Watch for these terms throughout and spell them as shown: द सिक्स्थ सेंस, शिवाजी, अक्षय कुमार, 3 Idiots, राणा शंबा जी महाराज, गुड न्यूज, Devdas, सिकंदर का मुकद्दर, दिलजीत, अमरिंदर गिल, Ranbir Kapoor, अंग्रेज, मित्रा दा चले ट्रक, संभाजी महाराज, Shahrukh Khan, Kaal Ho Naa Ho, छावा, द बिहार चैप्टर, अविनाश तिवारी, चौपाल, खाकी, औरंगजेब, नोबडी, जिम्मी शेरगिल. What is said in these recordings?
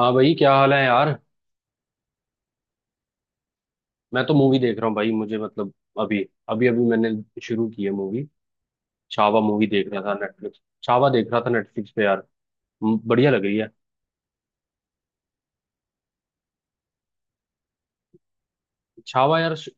हाँ भाई, क्या हाल है यार। मैं तो मूवी देख रहा हूँ भाई। मुझे मतलब अभी अभी अभी मैंने शुरू की है मूवी। छावा मूवी देख रहा था नेटफ्लिक्स, छावा देख रहा था नेटफ्लिक्स पे यार। बढ़िया लग रही है। छावा यार, श- अ,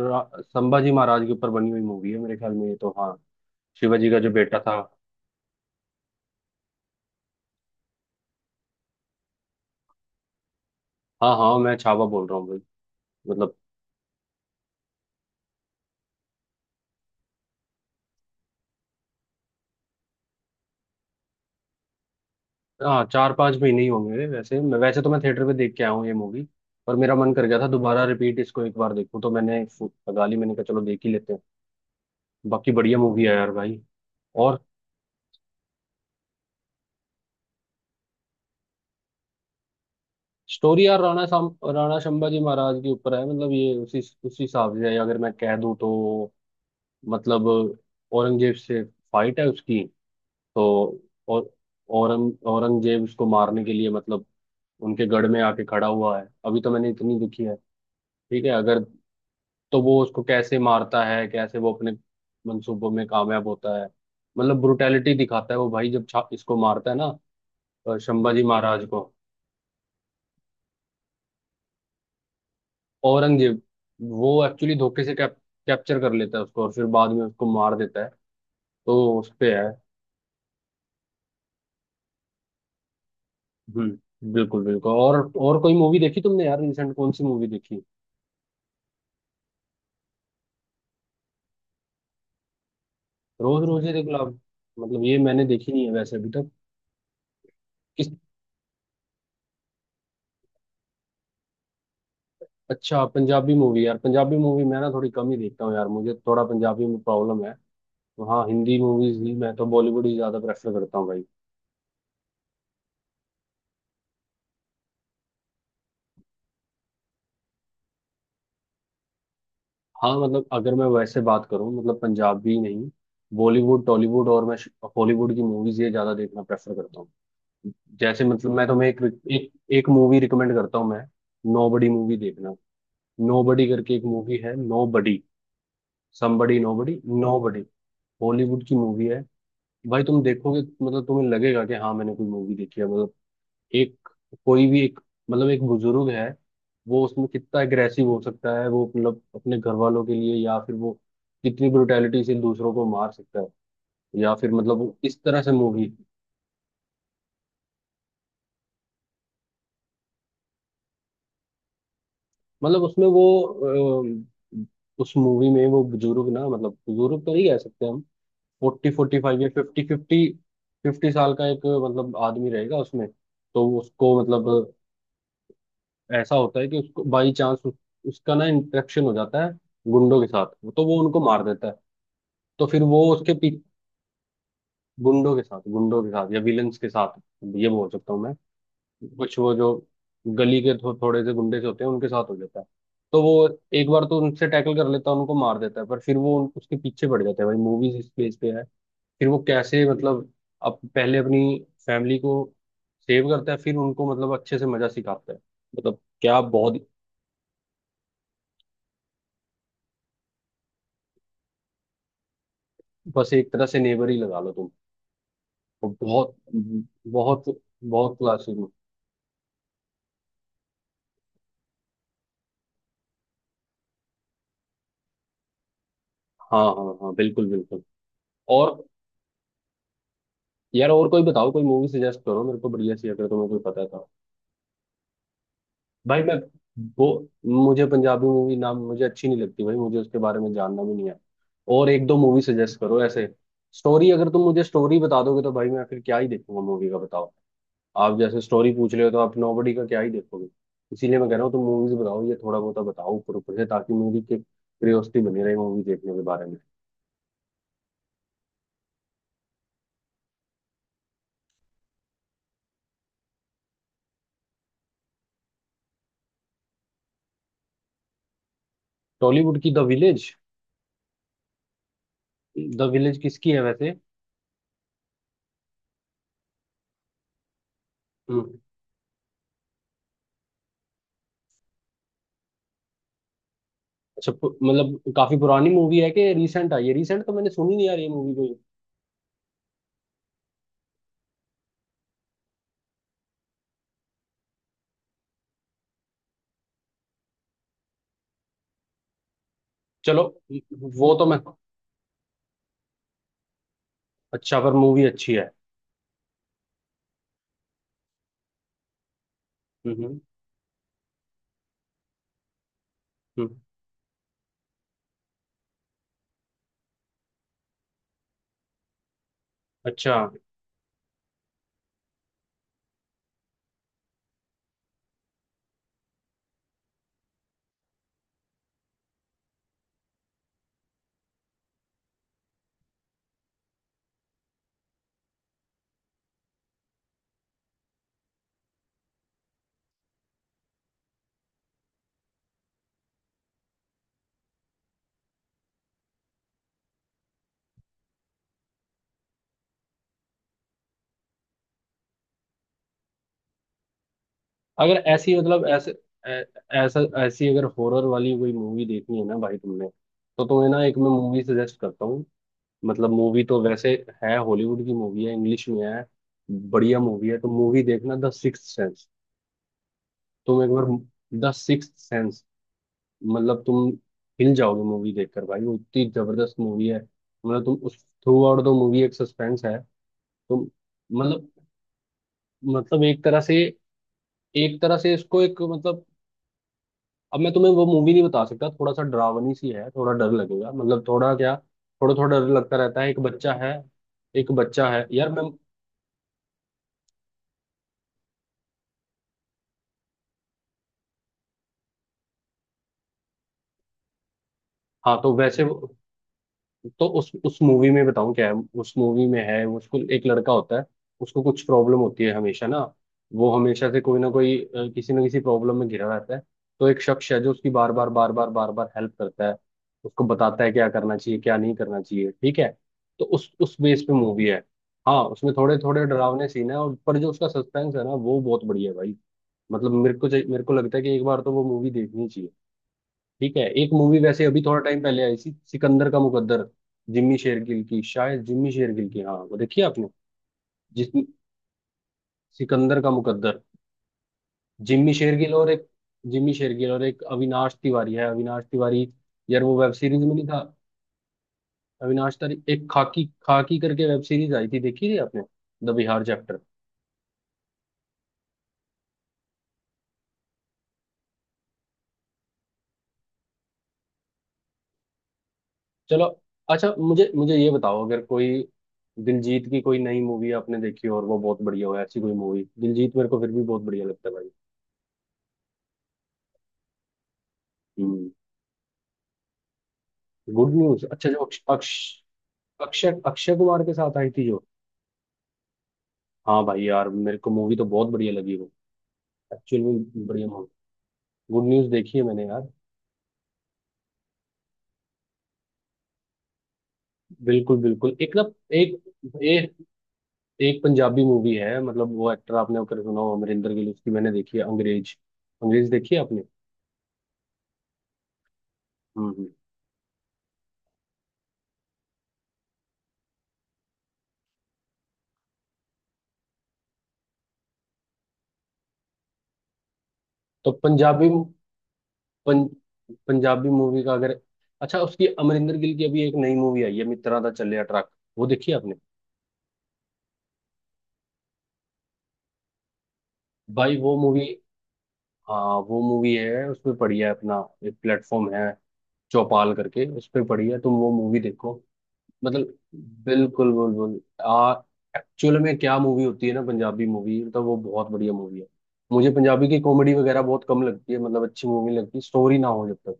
रा- संभाजी महाराज के ऊपर बनी हुई मूवी है मेरे ख्याल में ये तो। हाँ, शिवाजी का जो बेटा था। हाँ हाँ, मैं छावा बोल रहा हूँ भाई, मतलब। हाँ, 4-5 महीने ही होंगे वैसे। मैं वैसे तो मैं थिएटर पे देख के आया हूँ ये मूवी। पर मेरा मन कर गया था दोबारा रिपीट इसको एक बार देखूँ, तो मैंने लगा ली। मैंने कहा चलो देख ही लेते हैं। बाकी बढ़िया मूवी है यार भाई। और स्टोरी यार, राणा शंबा जी महाराज के ऊपर है। मतलब ये उसी उसी हिसाब से है, अगर मैं कह दूँ तो। मतलब औरंगजेब से फाइट है उसकी तो। और औरंगजेब उसको मारने के लिए मतलब उनके गढ़ में आके खड़ा हुआ है। अभी तो मैंने इतनी देखी है, ठीक है अगर। तो वो उसको कैसे मारता है, कैसे वो अपने मंसूबों में कामयाब होता है, मतलब ब्रुटैलिटी दिखाता है वो भाई जब इसको मारता है ना। शंबा जी महाराज को। औरंगजेब वो एक्चुअली धोखे से कैप्चर कर लेता है उसको, और फिर बाद में उसको मार देता है। तो उस पे है। हम्म, बिल्कुल बिल्कुल। और कोई मूवी देखी तुमने यार? रिसेंट कौन सी मूवी देखी? रोज रोज ही देख लो आप। मतलब ये मैंने देखी नहीं है वैसे अभी तक। किस? अच्छा, पंजाबी मूवी यार। पंजाबी मूवी मैं ना थोड़ी कम ही देखता हूँ यार, मुझे थोड़ा पंजाबी में प्रॉब्लम है। तो हाँ, हिंदी मूवीज ही, मैं तो बॉलीवुड ही ज्यादा प्रेफर करता हूँ भाई। हाँ मतलब अगर मैं वैसे बात करूँ, मतलब पंजाबी नहीं, बॉलीवुड, टॉलीवुड और मैं हॉलीवुड की मूवीज ये ज्यादा देखना प्रेफर करता हूँ। जैसे, मतलब मैं तुम्हें एक एक एक मूवी रिकमेंड करता हूँ मैं। नोबडी मूवी देखना। नोबडी करके एक मूवी है, नोबडी। Somebody नोबडी, नोबडी। Hollywood की मूवी है भाई। तुम देखोगे मतलब तुम्हें लगेगा कि हाँ मैंने कोई मूवी देखी है, मतलब। एक, कोई भी एक, मतलब एक बुजुर्ग है। वो उसमें कितना अग्रेसिव हो सकता है वो, मतलब अपने घर वालों के लिए, या फिर वो कितनी ब्रुटैलिटी से दूसरों को मार सकता है, या फिर मतलब वो इस तरह से मूवी। मतलब उसमें वो अ, उस मूवी में वो बुजुर्ग ना, मतलब बुजुर्ग तो नहीं कह सकते हम। 40, 45 या 50 साल का एक, मतलब आदमी रहेगा उसमें। तो उसको मतलब ऐसा होता है कि उसको बाई चांस उसका ना इंटरेक्शन हो जाता है गुंडों के साथ। तो वो उनको मार देता है। तो फिर वो उसके पी गुंडों के साथ, गुंडों के साथ या विलन्स के साथ, ये बोल सकता हूँ मैं। कुछ वो जो गली के थोड़े से गुंडे से होते हैं उनके साथ हो जाता है। तो वो एक बार तो उनसे टैकल कर लेता है, उनको मार देता है, पर फिर वो उसके पीछे पड़ जाता है भाई। मूवीज इस बेस पे है। फिर वो कैसे मतलब अब पहले अपनी फैमिली को सेव करता है, फिर उनको मतलब अच्छे से मजा सिखाता है, मतलब क्या बहुत। बस एक तरह से नेबर ही लगा लो तुम। वो बहुत बहुत बहुत क्लासिक। हाँ हाँ हाँ, बिल्कुल बिल्कुल। और यार और कोई बताओ, कोई मूवी सजेस्ट करो मेरे को बढ़िया सी, अगर तुम्हें कोई पता था। भाई मैं, वो, मुझे पंजाबी मूवी नाम मुझे अच्छी नहीं लगती भाई, मुझे उसके बारे में जानना भी नहीं है। और एक दो मूवी सजेस्ट करो ऐसे। स्टोरी अगर तुम मुझे स्टोरी बता दोगे तो भाई मैं फिर क्या ही देखूंगा मूवी का, बताओ। आप जैसे स्टोरी पूछ रहे हो तो आप नोबडी का क्या ही देखोगे। इसीलिए मैं कह रहा हूँ तुम मूवीज बताओ, ये थोड़ा बहुत बताओ ऊपर ऊपर से, ताकि मूवी की क्यूरियोसिटी बनी रहे मूवी देखने के बारे में। टॉलीवुड की द विलेज? द विलेज किसकी है वैसे? हम्म। अच्छा, मतलब काफी पुरानी मूवी है कि रिसेंट आई है? रिसेंट तो मैंने सुनी नहीं यार ये मूवी कोई। चलो, वो तो मैं। अच्छा पर मूवी अच्छी है? हम्म हम्म हम्म। अच्छा। अगर ऐसी मतलब ऐसे ऐ- ऐसा ऐसी, अगर हॉरर वाली कोई मूवी देखनी है ना भाई तुमने, तो तुम्हें ना एक मैं मूवी सजेस्ट करता हूँ। मतलब मूवी तो वैसे है, हॉलीवुड की मूवी है, इंग्लिश में है, बढ़िया मूवी है। तो मूवी देखना, द सिक्स्थ सेंस। तुम एक बार, द सिक्स्थ सेंस, मतलब तुम हिल जाओगे मूवी देखकर भाई, वो इतनी जबरदस्त मूवी है। मतलब तुम उस थ्रू आउट द मूवी एक सस्पेंस है। तुम मतलब, एक तरह से, इसको एक, मतलब अब मैं तुम्हें वो मूवी नहीं बता सकता। थोड़ा सा डरावनी सी है, थोड़ा डर लगेगा मतलब, थोड़ा क्या, थोड़ा थोड़ा डर लगता रहता है। एक बच्चा है, एक बच्चा है यार मैं। हाँ तो वैसे वो- तो उस मूवी में बताऊं क्या है। उस मूवी में है वो उसको एक लड़का होता है, उसको कुछ प्रॉब्लम होती है हमेशा ना। वो हमेशा से कोई ना कोई किसी ना किसी प्रॉब्लम में घिरा रहता है। तो एक शख्स है जो उसकी बार बार बार बार बार बार हेल्प करता है, उसको बताता है क्या करना चाहिए क्या नहीं करना चाहिए, ठीक है। तो उस बेस पे मूवी है। हाँ उसमें थोड़े थोड़े डरावने सीन है, और पर जो उसका सस्पेंस है ना वो बहुत बढ़िया है भाई। मतलब मेरे को लगता है कि एक बार तो वो मूवी देखनी चाहिए। ठीक है, एक मूवी वैसे अभी थोड़ा टाइम पहले आई थी, सिकंदर का मुकद्दर, जिम्मी शेरगिल की, हाँ। वो देखी आपने? जिस, सिकंदर का मुकद्दर। जिम्मी शेरगिल और एक जिम्मी शेरगिल और एक अविनाश तिवारी है। अविनाश तिवारी यार वो वेब सीरीज में नहीं था? अविनाश तिवारी, एक खाकी खाकी करके वेब सीरीज आई थी, देखी थी आपने? द बिहार चैप्टर। चलो। अच्छा, मुझे मुझे ये बताओ, अगर कोई दिलजीत की कोई नई मूवी आपने देखी हो और वो बहुत बढ़िया हो ऐसी कोई मूवी। दिलजीत मेरे को फिर भी बहुत बढ़िया लगता है भाई। हम्म। गुड न्यूज, अच्छा जो अक्ष अक्ष अक्षय अक्षय कुमार के साथ आई थी जो। हाँ भाई यार, मेरे को मूवी तो बहुत बढ़िया लगी वो, एक्चुअल में बढ़िया मूवी। गुड न्यूज देखी है मैंने यार। बिल्कुल बिल्कुल। एक ना एक एक, एक पंजाबी मूवी है, मतलब वो एक्टर आपने अगर सुना हो, अमरिंदर गिल, उसकी मैंने देखी है अंग्रेज। अंग्रेज देखी है आपने? हम्म हम्म। तो पंजाबी, पं, पंजाबी मूवी का अगर। अच्छा, उसकी अमरिंदर गिल की अभी एक नई मूवी आई है, मित्रा दा चले ट्रक। वो देखी है आपने? भाई वो मूवी, हाँ वो मूवी है उसमें पड़ी है। अपना एक प्लेटफॉर्म है चौपाल करके, उस पे पड़ी है, तुम वो मूवी देखो। मतलब, बिल्कुल बिल्कुल। आ, एक्चुअल में क्या मूवी होती है ना, पंजाबी मूवी मतलब वो बहुत बढ़िया मूवी है। मुझे पंजाबी की कॉमेडी वगैरह बहुत कम लगती है, मतलब अच्छी मूवी लगती है स्टोरी ना हो जब तक।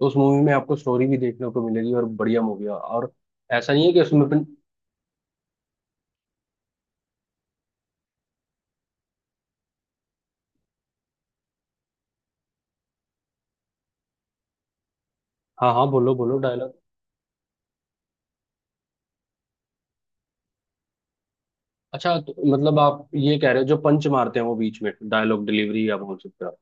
तो उस मूवी में आपको स्टोरी भी देखने को मिलेगी और बढ़िया मूवी है। और ऐसा नहीं है कि उसमें पन... हाँ हाँ, बोलो बोलो डायलॉग। अच्छा तो, मतलब आप ये कह रहे हो जो पंच मारते हैं वो बीच में, डायलॉग डिलीवरी या बोल सकते हो।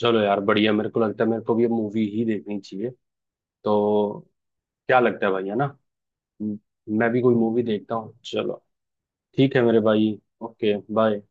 चलो यार बढ़िया, मेरे को लगता है मेरे को भी अब मूवी ही देखनी चाहिए तो। क्या लगता है भाई, है ना। म- मैं भी कोई मूवी देखता हूँ, चलो। ठीक है मेरे भाई, ओके बाय।